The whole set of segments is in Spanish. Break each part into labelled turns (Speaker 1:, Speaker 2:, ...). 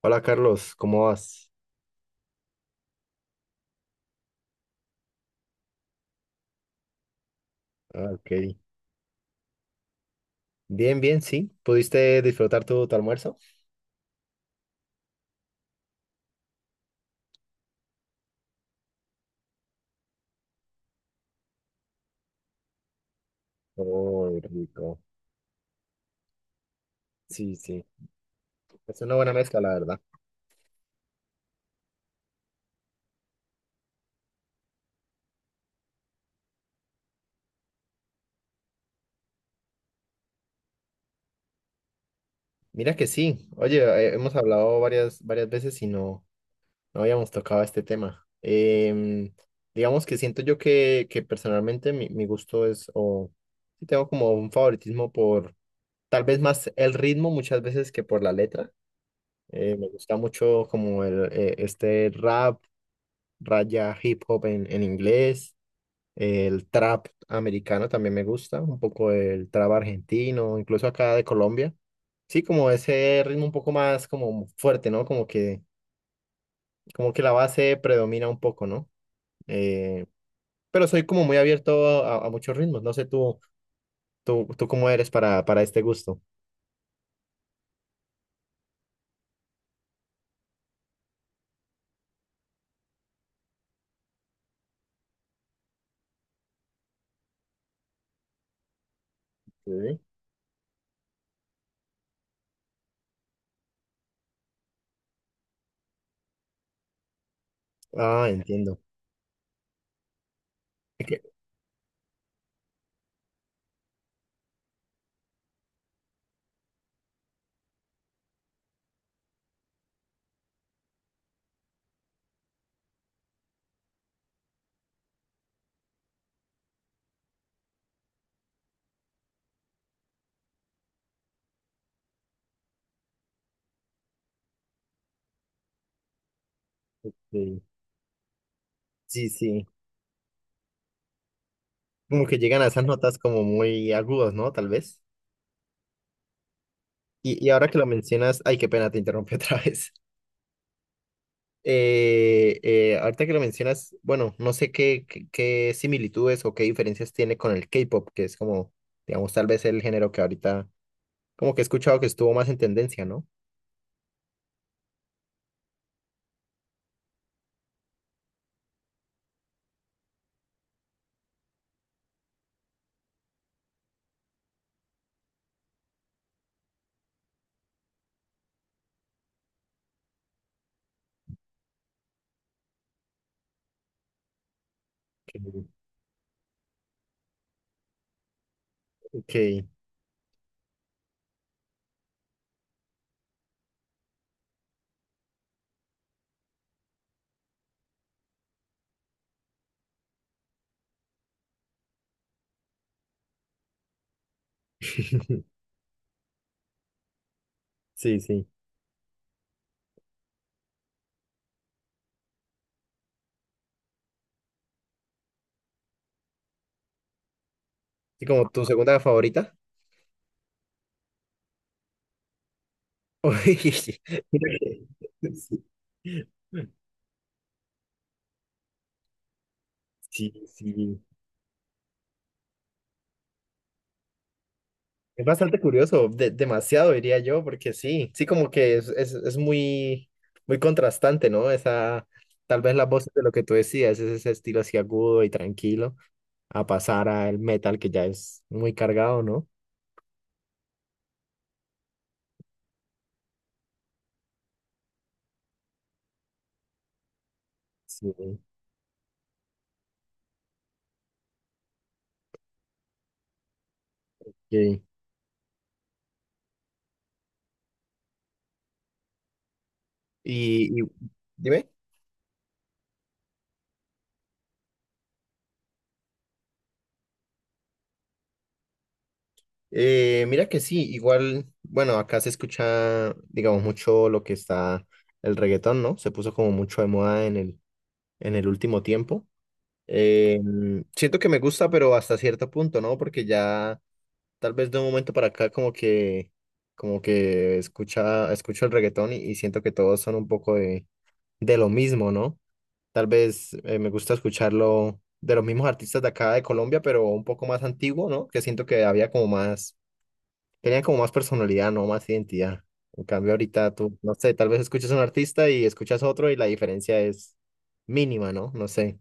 Speaker 1: Hola Carlos, ¿cómo vas? Ah, ok. Bien, bien, sí. ¿Pudiste disfrutar tu almuerzo? Oh, rico. Sí, sí. Es una buena mezcla, la verdad. Mira que sí. Oye, hemos hablado varias veces y no habíamos tocado este tema. Digamos que siento yo que personalmente mi gusto es, o sí tengo como un favoritismo por tal vez más el ritmo muchas veces que por la letra. Me gusta mucho como el, este rap, raya hip hop en inglés, el trap americano también me gusta, un poco el trap argentino, incluso acá de Colombia. Sí, como ese ritmo un poco más como fuerte, ¿no? Como que la base predomina un poco, ¿no? Eh, pero soy como muy abierto a muchos ritmos, no sé tú, tú cómo eres para este gusto. Sí. Ah, entiendo. Es que... Sí, sí, sí. Como que llegan a esas notas como muy agudas, ¿no? Tal vez. Y ahora que lo mencionas, ay, qué pena, te interrumpí otra vez. Ahorita que lo mencionas, bueno, no sé qué similitudes o qué diferencias tiene con el K-pop, que es como, digamos, tal vez el género que ahorita, como que he escuchado que estuvo más en tendencia, ¿no? Ok, sí, sí. ¿Y como tu segunda favorita? Uy, mira que... Sí, sí, sí. Es bastante curioso, de- demasiado diría yo, porque sí, sí como que es, es muy, muy contrastante, ¿no? Esa, tal vez las voces de lo que tú decías, es ese estilo así agudo y tranquilo, a pasar al metal que ya es muy cargado, ¿no? Sí, sí. Y dime, mira que sí, igual, bueno, acá se escucha, digamos, mucho lo que está el reggaetón, ¿no? Se puso como mucho de moda en el último tiempo. Eh, Siento que me gusta, pero hasta cierto punto, ¿no? Porque ya tal vez de un momento para acá como que escucho el reggaetón y siento que todos son un poco de lo mismo, ¿no? Tal vez me gusta escucharlo de los mismos artistas de acá de Colombia, pero un poco más antiguo, ¿no? Que siento que había como más, tenían como más personalidad, ¿no? Más identidad. En cambio ahorita tú, no sé, tal vez escuchas a un artista y escuchas otro y la diferencia es mínima, ¿no? No sé.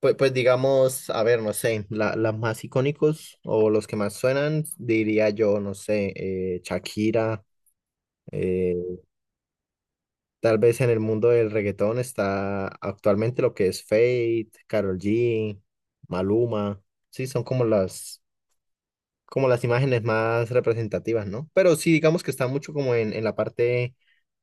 Speaker 1: Pues, pues digamos, a ver, no sé, la, las más icónicos o los que más suenan, diría yo, no sé, Shakira, eh, tal vez en el mundo del reggaetón está actualmente lo que es Fate, Karol G, Maluma, sí, son como las imágenes más representativas, ¿no? Pero sí, digamos que está mucho como en,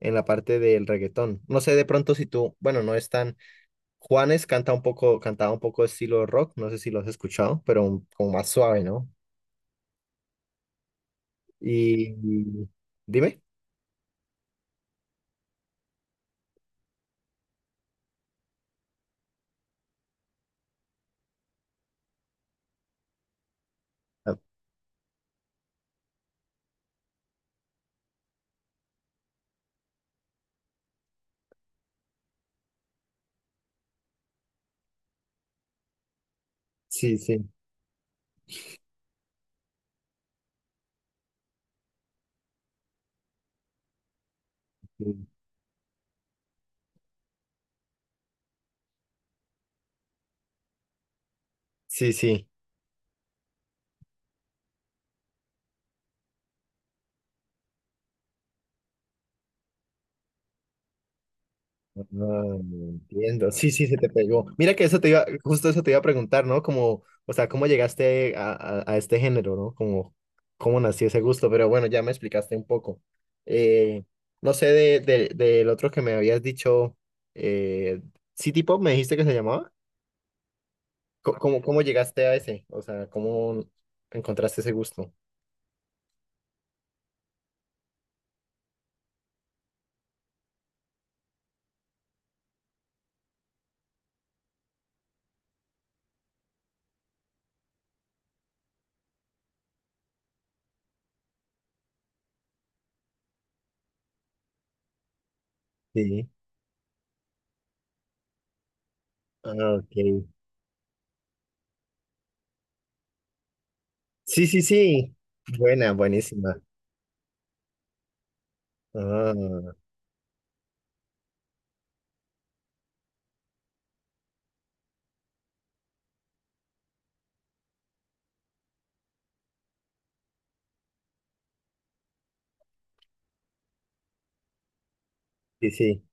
Speaker 1: en la parte del reggaetón. No sé de pronto si tú, bueno, no están... Juanes canta un poco, cantaba un poco de estilo rock, no sé si lo has escuchado, pero un... como más suave, ¿no? Y dime. Ah, sí, sí, sí, sí, sí. Ah, entiendo. Sí, sí, se te pegó. Mira que eso te iba, justo eso te iba a preguntar, ¿no? Como, o sea, ¿cómo llegaste a este género, ¿no? Como, ¿cómo nació ese gusto? Pero bueno, ya me explicaste un poco. Eh, no sé de- del otro que me habías dicho, eh, City Pop, me dijiste que se llamaba. Co- ¿Cómo, cómo llegaste a ese? O sea, ¿cómo encontraste ese gusto? Sí. Ah, ok. Sí, sí, sí. Buena, buenísima. Ah, sí, sí,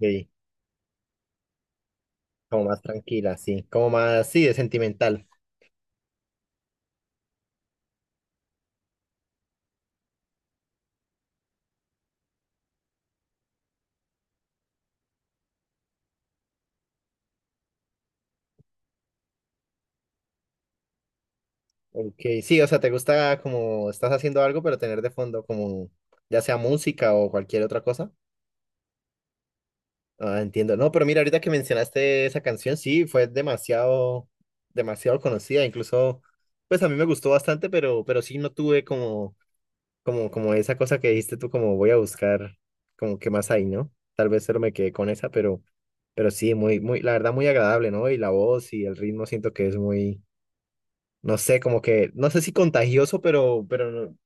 Speaker 1: sí. Como más tranquila, sí. Como más, sí, es sentimental. Ok, sí, o sea, te gusta como estás haciendo algo, pero tener de fondo como ya sea música o cualquier otra cosa. Ah, entiendo. No, pero mira, ahorita que mencionaste esa canción, sí, fue demasiado, demasiado conocida. Incluso, pues a mí me gustó bastante, pero sí no tuve como como, como esa cosa que dijiste tú, como voy a buscar, como qué más hay, ¿no? Tal vez solo me quedé con esa, pero sí, muy, muy, la verdad, muy agradable, ¿no? Y la voz y el ritmo siento que es muy, no sé, como que, no sé si contagioso, pero, no...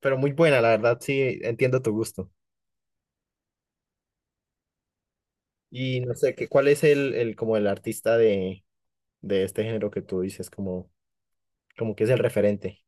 Speaker 1: pero muy buena, la verdad, sí, entiendo tu gusto. Y no sé, ¿qué, cuál es como el artista de este género que tú dices, como, como que es el referente?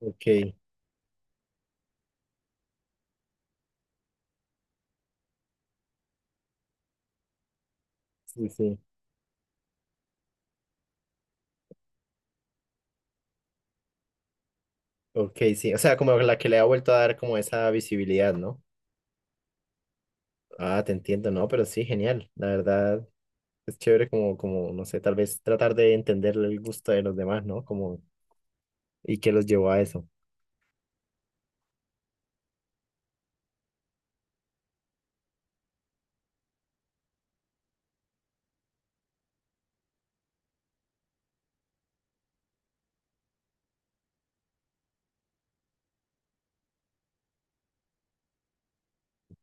Speaker 1: Ok, sí, sí. Ok, sí, o sea, como la que le ha vuelto a dar como esa visibilidad, ¿no? Ah, te entiendo, no, pero sí, genial. La verdad, es chévere como, como, no sé, tal vez tratar de entender el gusto de los demás, ¿no? Como, y qué los llevó a eso.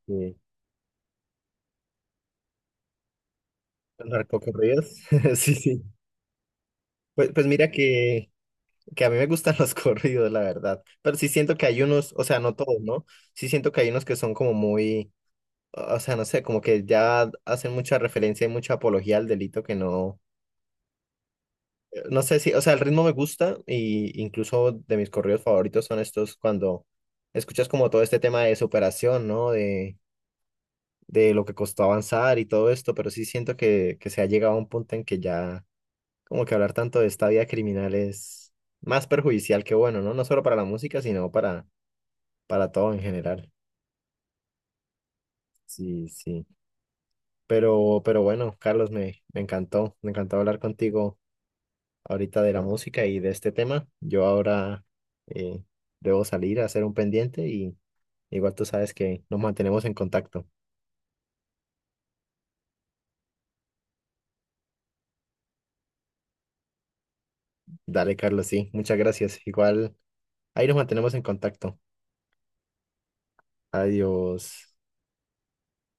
Speaker 1: Sí. ¿Los narcocorridos? Sí, sí. Pues, pues mira que a mí me gustan los corridos, la verdad. Pero sí siento que hay unos, o sea, no todos, ¿no? Sí siento que hay unos que son como muy, o sea, no sé, como que ya hacen mucha referencia y mucha apología al delito que no. No sé si, o sea, el ritmo me gusta y incluso de mis corridos favoritos son estos cuando escuchas como todo este tema de superación, ¿no? De lo que costó avanzar y todo esto, pero sí siento que se ha llegado a un punto en que ya como que hablar tanto de esta vida criminal es más perjudicial que bueno, ¿no? No solo para la música, sino para todo en general. Sí, sí. Pero bueno, Carlos, me, me encantó hablar contigo ahorita de la música y de este tema. Yo ahora eh, debo salir a hacer un pendiente y igual tú sabes que nos mantenemos en contacto. Dale, Carlos, sí, muchas gracias. Igual ahí nos mantenemos en contacto. Adiós.